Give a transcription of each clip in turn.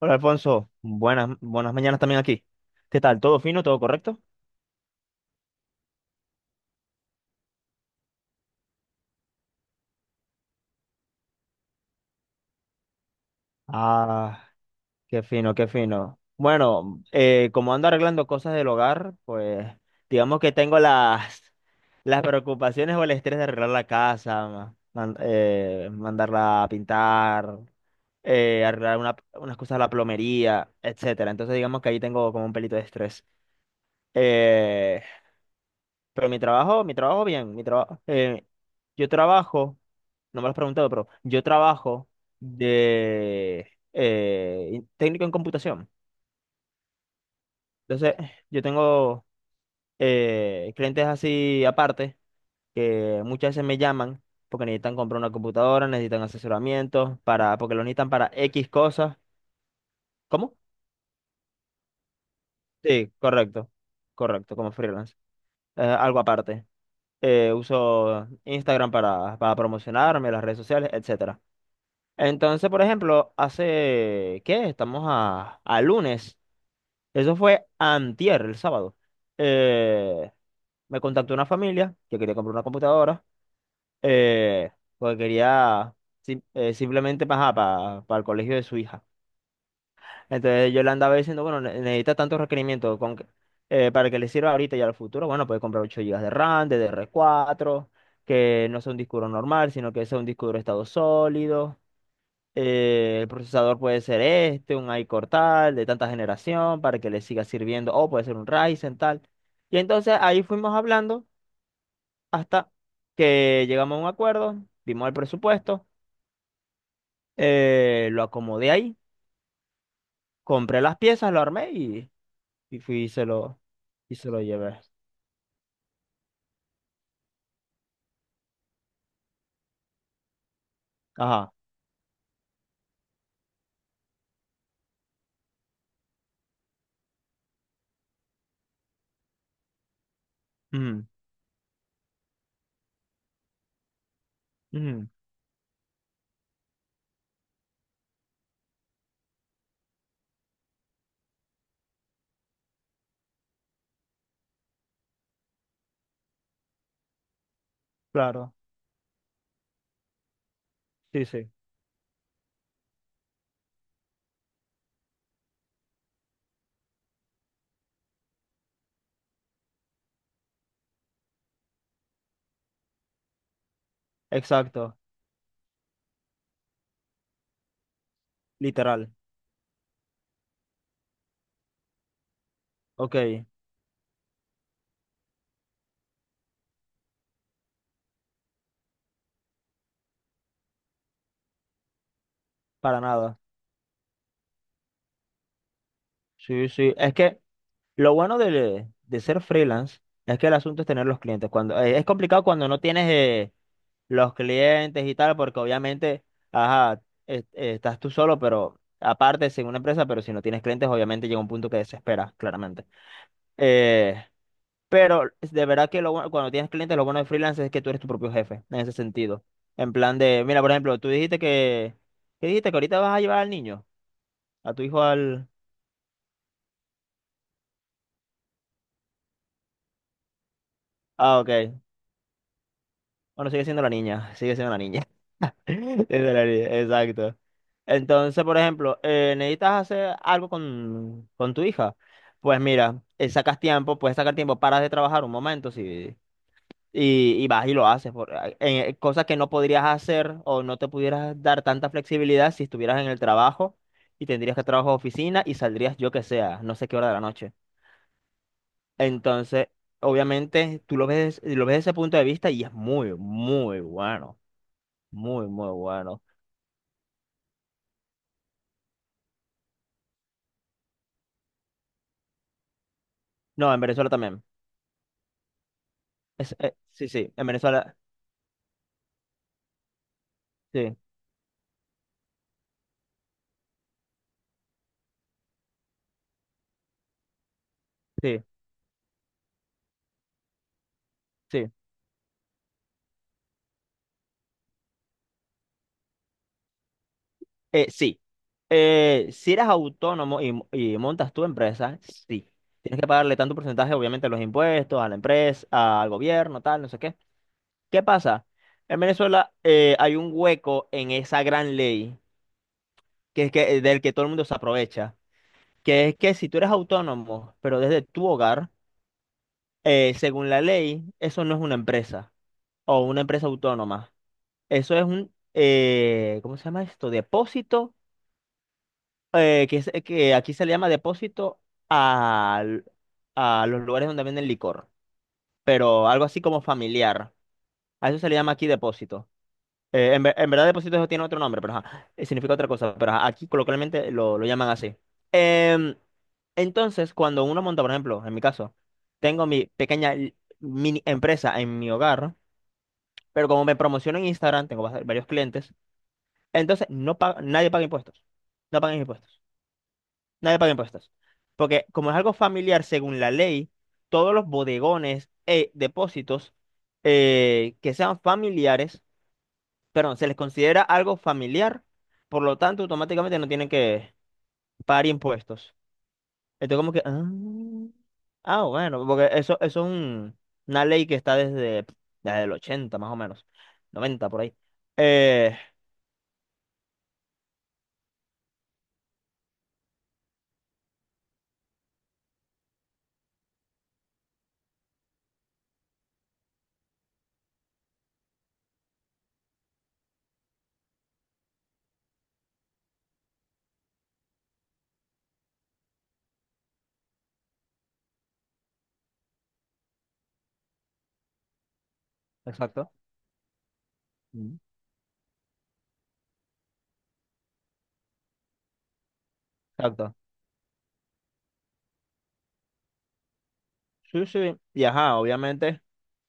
Hola Alfonso, buenas mañanas también aquí. ¿Qué tal? ¿Todo fino? ¿Todo correcto? Ah, qué fino, qué fino. Bueno, como ando arreglando cosas del hogar, pues digamos que tengo las, las preocupaciones o el estrés de arreglar la casa, mandarla a pintar, arreglar unas cosas de la plomería, etcétera. Entonces digamos que ahí tengo como un pelito de estrés. Eh, Pero mi trabajo bien, mi trabajo, yo trabajo, no me lo has preguntado, pero yo trabajo de técnico en computación. Entonces, yo tengo clientes así aparte que muchas veces me llaman porque necesitan comprar una computadora, necesitan asesoramiento porque lo necesitan para X cosas. ¿Cómo? Sí, correcto, correcto, como freelance. Algo aparte. Uso Instagram para promocionarme, las redes sociales, etcétera. Entonces, por ejemplo, hace, ¿qué? Estamos a, lunes. Eso fue antier, el sábado. Eh, Me contactó una familia que quería comprar una computadora, eh, porque quería simplemente para el colegio de su hija. Entonces yo le andaba diciendo, bueno, necesita tantos requerimientos para que le sirva ahorita y al futuro. Bueno, puede comprar 8 gigas de RAM, DDR4, que no sea un disco duro normal, sino que sea un disco duro de estado sólido. El procesador puede ser este, un iCore tal, de tanta generación, para que le siga sirviendo, o puede ser un Ryzen tal. Y entonces ahí fuimos hablando hasta que llegamos a un acuerdo, vimos el presupuesto, lo acomodé ahí, compré las piezas, lo armé y fui y se lo llevé. Ajá. Ujú, ujú, claro. Sí, sí. Exacto. Literal. Ok. Para nada. Sí, sí. Es que lo bueno de ser freelance es que el asunto es tener los clientes. Es complicado cuando no tienes los clientes y tal, porque obviamente, ajá, estás tú solo, pero aparte, sin una empresa, pero si no tienes clientes, obviamente llega un punto que desesperas, claramente. Eh, pero es de verdad que cuando tienes clientes, lo bueno de freelance es que tú eres tu propio jefe, en ese sentido. En plan de, mira, por ejemplo, tú dijiste que, ¿qué dijiste? Que ahorita vas a llevar al niño, a tu hijo al. Ah, ok. Bueno, sigue siendo la niña, sigue siendo la niña. Es de la herida. Exacto. Entonces, por ejemplo, necesitas hacer algo con tu hija. Pues mira, sacas tiempo, puedes sacar tiempo, paras de trabajar un momento si, y vas y lo haces. Cosas que no podrías hacer o no te pudieras dar tanta flexibilidad si estuvieras en el trabajo y tendrías que trabajar a oficina y saldrías yo que sea, no sé qué hora de la noche. Entonces, obviamente, tú lo ves desde ese punto de vista y es muy, muy bueno. Muy, muy bueno. No, en Venezuela también. Sí, sí, en Venezuela, sí, sí, sí. Sí. Si eres autónomo y montas tu empresa, sí. Tienes que pagarle tanto porcentaje, obviamente, a los impuestos, a la empresa, al gobierno, tal, no sé qué. ¿Qué pasa? En Venezuela hay un hueco en esa gran ley, que es que, del que todo el mundo se aprovecha, que es que si tú eres autónomo, pero desde tu hogar, según la ley, eso no es una empresa o una empresa autónoma. Eso es un, ¿cómo se llama esto? Depósito, que aquí se le llama depósito al- a los lugares donde venden licor, pero algo así como familiar. A eso se le llama aquí depósito. En verdad depósito eso tiene otro nombre, pero ajá, significa otra cosa, pero ajá, aquí coloquialmente lo llaman así. Em, entonces, cuando uno monta, por ejemplo, en mi caso, tengo mi pequeña mini empresa en mi hogar, pero como me promociono en Instagram, tengo varios clientes. Entonces, nadie paga impuestos. No pagan impuestos. Nadie paga impuestos. Porque como es algo familiar, según la ley, todos los bodegones e depósitos que sean familiares, perdón, se les considera algo familiar, por lo tanto, automáticamente no tienen que pagar impuestos. Entonces, como que, bueno, porque eso es una ley que está desde, el 80 más o menos, 90 por ahí. Eh, Exacto. Mm. Exacto. Sí, sí, y ajá, obviamente.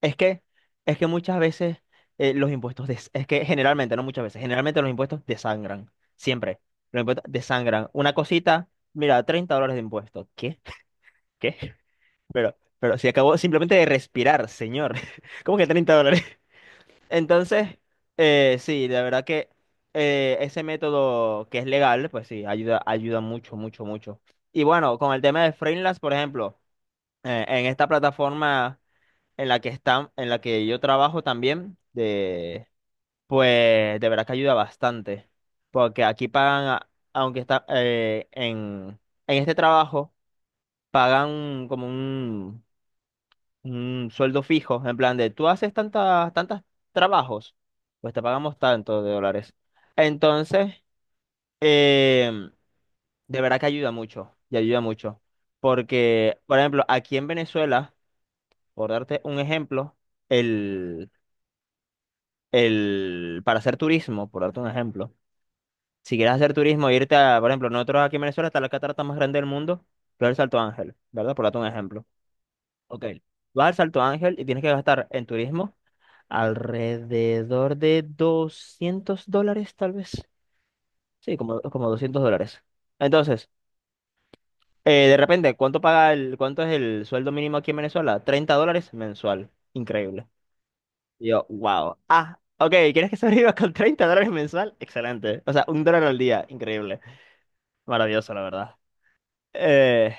Es que, es que muchas veces los impuestos, es que generalmente, no muchas veces, generalmente los impuestos desangran, siempre. Los impuestos desangran. Una cosita, mira, $30 de impuestos. ¿Qué? ¿Qué? Pero si acabó simplemente de respirar, señor. ¿Cómo que $30? Entonces, sí, la verdad que ese método que es legal, pues sí, ayuda, ayuda mucho, mucho, mucho. Y bueno, con el tema de freelance, por ejemplo, en esta plataforma en la que están, en la que yo trabajo también, pues de verdad que ayuda bastante, porque aquí pagan, aunque está en este trabajo, pagan como un sueldo fijo, en plan de tú haces tantas, tantas trabajos, pues te pagamos tanto de dólares. Entonces, em, de verdad que ayuda mucho, y ayuda mucho, porque, por ejemplo, aquí en Venezuela, por darte un ejemplo, para hacer turismo, por darte un ejemplo, si quieres hacer turismo, irte a, por ejemplo, nosotros aquí en Venezuela está la catarata más grande del mundo, pero el Salto Ángel, ¿verdad? Por darte un ejemplo. Ok. Vas al Salto Ángel y tienes que gastar en turismo alrededor de $200, tal vez. Sí, como $200. Entonces, de repente, ¿cuánto paga cuánto es el sueldo mínimo aquí en Venezuela? $30 mensual. Increíble. Y yo, wow. Ah, ok, ¿quieres que sobreviva con $30 mensual? Excelente. O sea, $1 al día. Increíble. Maravilloso, la verdad. Eh,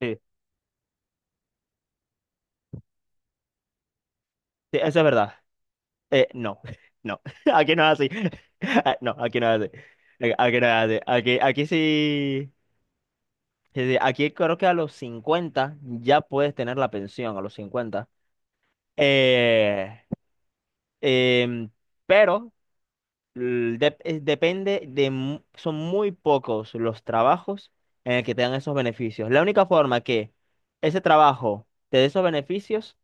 sí, sí, eso es verdad. No, no. Aquí no es así. Ah, no, aquí no es así. Aquí no es así. Aquí, aquí sí. Sí, sí, aquí creo que a los 50 ya puedes tener la pensión, a los 50. Eh, em, pero depende de, son muy pocos los trabajos en el que te dan esos beneficios. La única forma que ese trabajo te dé esos beneficios,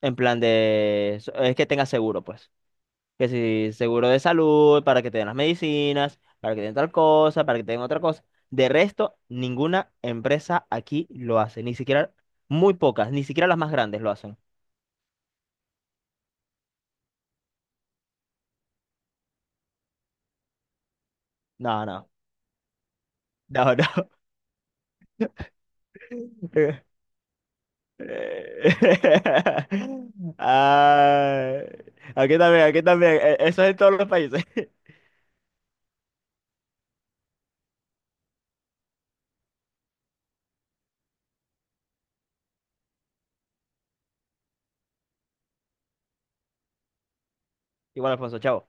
en plan de, es que tengas seguro, pues. Que si seguro de salud, para que te den las medicinas, para que te den tal cosa, para que te den otra cosa. De resto, ninguna empresa aquí lo hace, ni siquiera, muy pocas, ni siquiera las más grandes lo hacen. No, no, no, no. Ah, aquí también, aquí también. Eso es en todos los países. Igual, Alfonso, chao.